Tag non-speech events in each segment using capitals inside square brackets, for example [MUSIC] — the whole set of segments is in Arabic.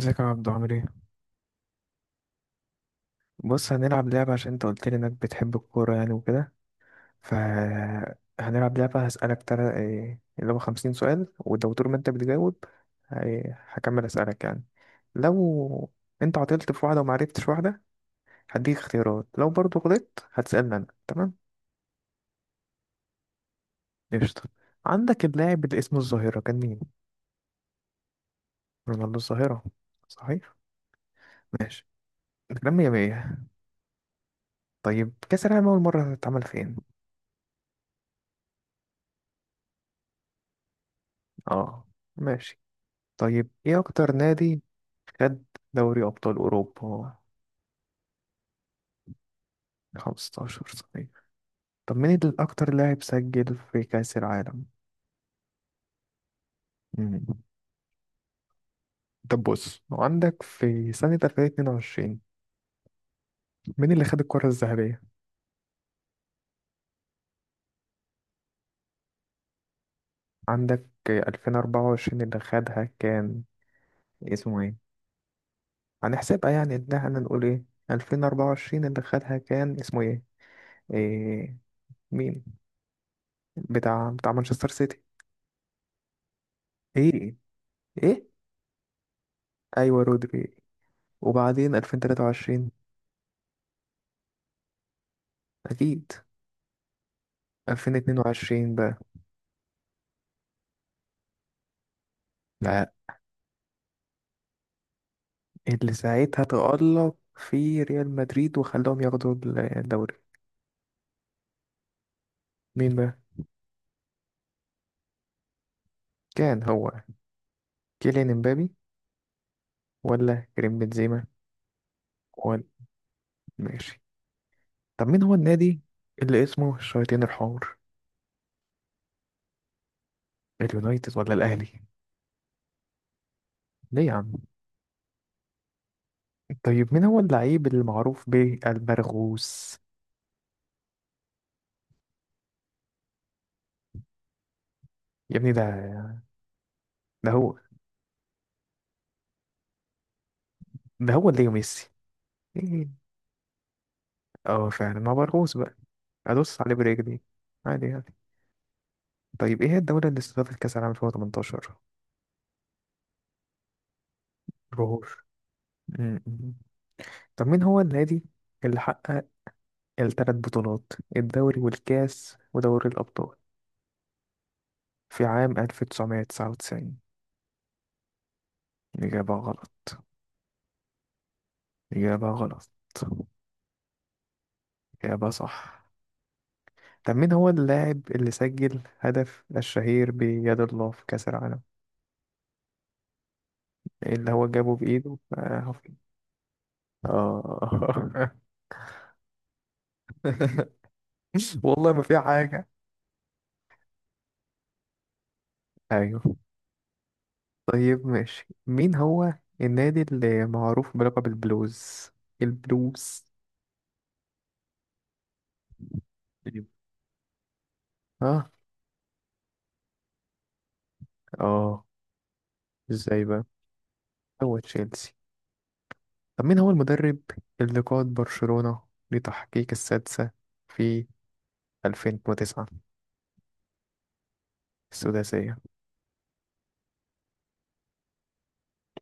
ازيك يا عبدو؟ عامل ايه؟ بص، هنلعب لعبة عشان انت قلت لي انك بتحب الكورة يعني وكده. ف هنلعب لعبة، هسألك ترى ايه اللي هو 50 سؤال، ولو طول ما انت بتجاوب هكمل اسألك يعني. لو انت عطلت في واحدة ومعرفتش واحدة هديك اختيارات، لو برضو غلطت هتسألني انا. تمام؟ قشطة. عندك اللاعب اللي اسمه الظاهرة كان مين؟ رونالدو الظاهرة، صحيح. ماشي، الكلام مية مية. طيب كأس العالم أول مرة اتعمل فين؟ اه، ماشي. طيب ايه اكتر نادي خد دوري أبطال أوروبا؟ 15، صحيح. طب مين الأكتر لاعب سجل في كأس العالم؟ مم. طب بص، عندك في سنة 2022 مين اللي خد الكرة الذهبية؟ عندك 2024 اللي خدها كان اسمه ايه؟ هنحسبها يعني ان احنا نقول ايه؟ 2024 اللي خدها كان اسمه ايه؟ إيه؟ مين؟ بتاع مانشستر سيتي. ايه؟ ايه؟ ايوه، رودري. وبعدين 2023؟ اكيد. 2022 بقى؟ لا، اللي ساعتها تألق في ريال مدريد وخلاهم ياخدوا الدوري. مين بقى؟ كان هو كيليان امبابي ولا كريم بنزيما ولا؟ ماشي. طب مين هو النادي اللي اسمه الشياطين الحمر؟ اليونايتد ولا الاهلي؟ ليه يا عم؟ طيب مين هو اللعيب المعروف بالبرغوث؟ يا ابني ده هو. ده هو اللي ميسي. ايه؟ اه فعلا هو برغوث بقى، ادوس عليه برجلي عادي يعني. طيب ايه هي الدولة اللي استضافت كأس العالم 2018؟ الجمهور. مم. طب مين هو النادي اللي حقق الثلاث بطولات، الدوري والكاس ودوري الأبطال، في عام 1999؟ إجابة غلط. إجابة غلط. إجابة صح. طب مين هو اللاعب اللي سجل هدف الشهير بيد الله في كأس العالم، اللي هو جابه بإيده؟ آه. آه. [LAUGHS] والله ما في حاجة. أيوه. طيب ماشي، مين هو النادي اللي معروف بلقب البلوز؟ البلوز. أيوة. اه. اه. ازاي بقى؟ هو تشيلسي. طب مين هو المدرب اللي قاد برشلونة لتحقيق السادسة في 2009؟ السداسية،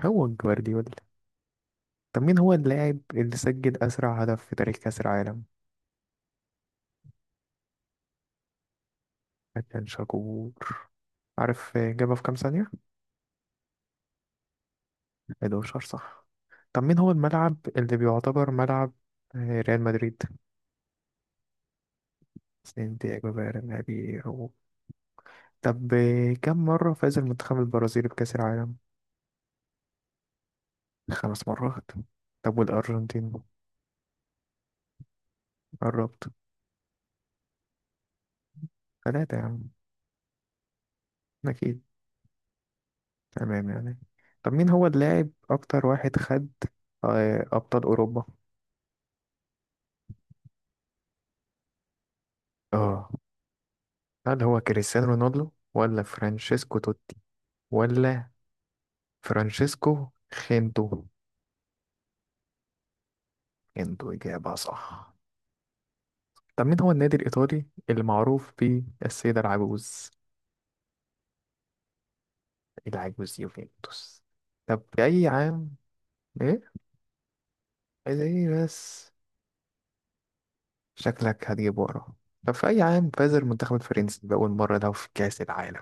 هو جوارديولا. طب مين هو اللاعب اللي سجل أسرع هدف في تاريخ كأس العالم؟ كان شاكور. عارف جابها في كام ثانية؟ 11، صح. طب مين هو الملعب اللي بيعتبر ملعب ريال مدريد؟ سانتياغو برنابيو. طب كم مرة فاز المنتخب البرازيلي بكأس العالم؟ 5 مرات. طب والأرجنتين؟ قربت. ثلاثة يا عم، أكيد. تمام يعني. طب مين هو اللاعب أكتر واحد خد أبطال أوروبا؟ آه، هل هو كريستيانو رونالدو ولا فرانشيسكو توتي ولا فرانشيسكو خينتو؟ خينتو، إجابة صح. طب مين هو النادي الإيطالي اللي معروف بيه السيدة العجوز؟ العجوز يوفنتوس. طب في أي عام؟ إيه؟ عايز إيه بس؟ شكلك هتجيب ورا. طب في أي عام فاز المنتخب الفرنسي بأول مرة ده في كأس العالم؟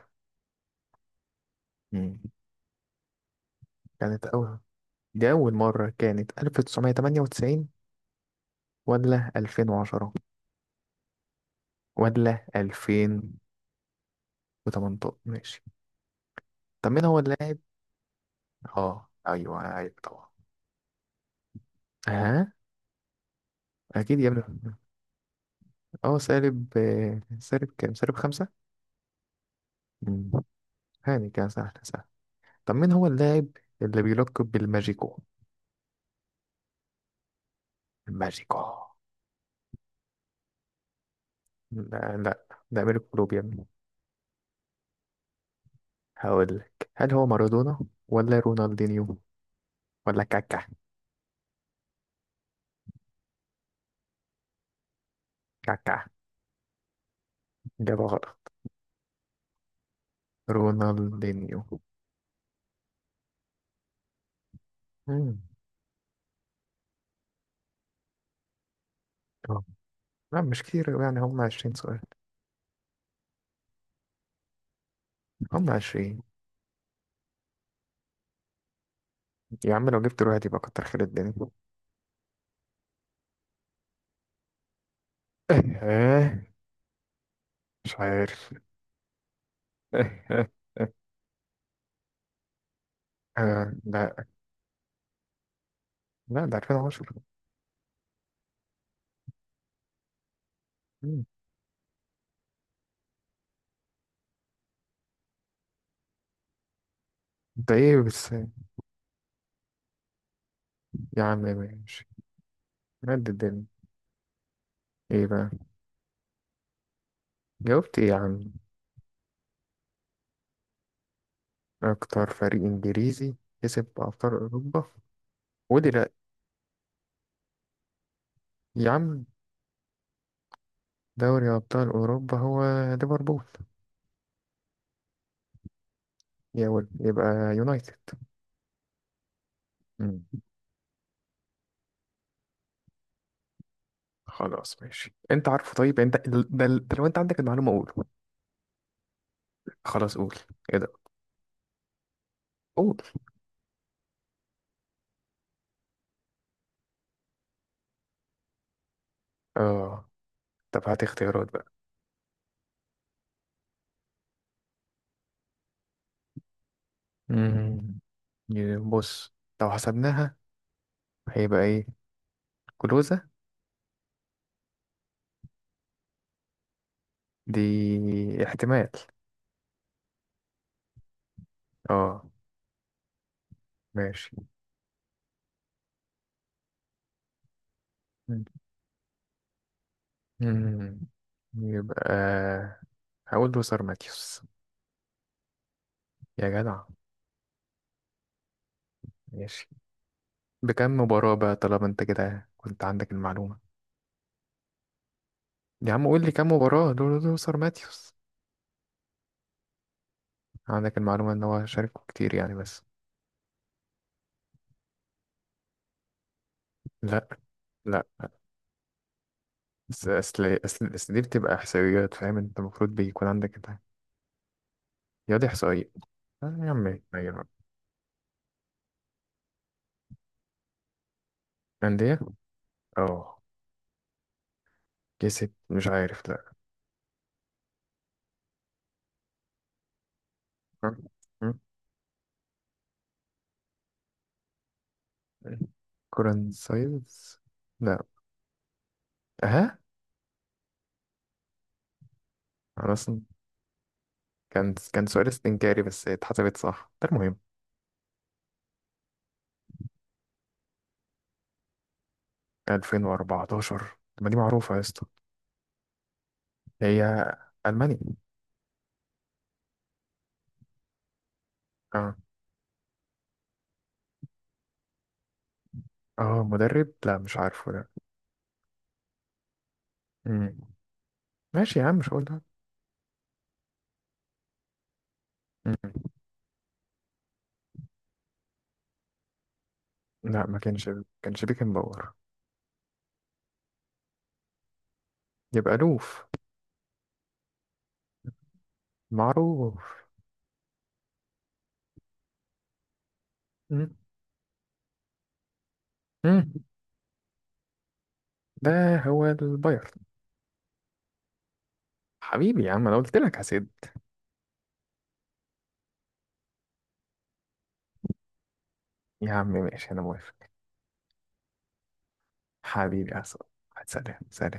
مم. كانت أول، دي أول مرة، كانت 1998 ولا 2010 ولا 2018؟ ماشي. طب مين هو اللاعب؟ اه، أيوه أيوه طبعا. ها. أكيد يا ابني. اه سالب سالب كام، سالب خمسة. مم. هاني كان سهل سهل. طب مين هو اللاعب اللي بيلقب بالماجيكو؟ الماجيكو. لا لا، ده أمير كلوب يا ابني. هقول لك، هل هو مارادونا ولا رونالدينيو ولا كاكا؟ كاكا، إجابة غلط. رونالدينيو. مم. آه. لا مش كتير يعني، هم 20 سؤال. هم 20. يا عم لو جبت واحد يبقى كتر خير الدنيا. [LAUGHS] إيه؟ مش عارف. [LAUGHS] آه لا، لا ده 2010. مم. ده ايه بس؟ يا عم ماشي، مد الدنيا. ايه بقى؟ جاوبت ايه يا عم؟ اكتر فريق انجليزي كسب ابطال اوروبا ودلوقتي؟ يا عم، دوري أبطال أوروبا هو ليفربول. يبقى يونايتد. مم. خلاص ماشي، أنت عارفه. طيب أنت ده لو أنت عندك المعلومة قول. خلاص قول، إيه ده؟ قول. آه. طب هات اختيارات بقى. مم. بص، لو حسبناها هيبقى إيه؟ كلوزة. دي احتمال. آه، ماشي. مم. مم. يبقى هقول له سار ماتيوس. يا جدع. ماشي، بكم مباراة بقى طالما انت كده كنت عندك المعلومة؟ يا عم قول لي كم مباراة لوثر ماتيوس. عندك المعلومة ان هو شاركه كتير يعني بس. لا. لا. بس اصل دي بتبقى احصائيات، فاهم؟ انت المفروض بيكون عندك انت. يا دي احصائيات. آه يا عم، غير بقى. أندية. اه، كسب مش عارف، لا. م- م- كورن سايز. لا. ها. أنا اصلا كان سؤال استنكاري بس اتحسبت صح، ده المهم. 2014؟ طب ما دي معروفة يا اسطى. هي ألمانيا. اه. اه، مدرب لا مش عارفه ده. مم. ماشي يا عم، مش هقول ده. مم. لا ما كانش. كانش بيكنباور. يبقى لوف، معروف. مم. مم. ده هو البايرن. حبيبي يا عم، انا قلت لك هسد. يا عم ماشي، انا موافق. حبيبي يا عصام، سلام سلام.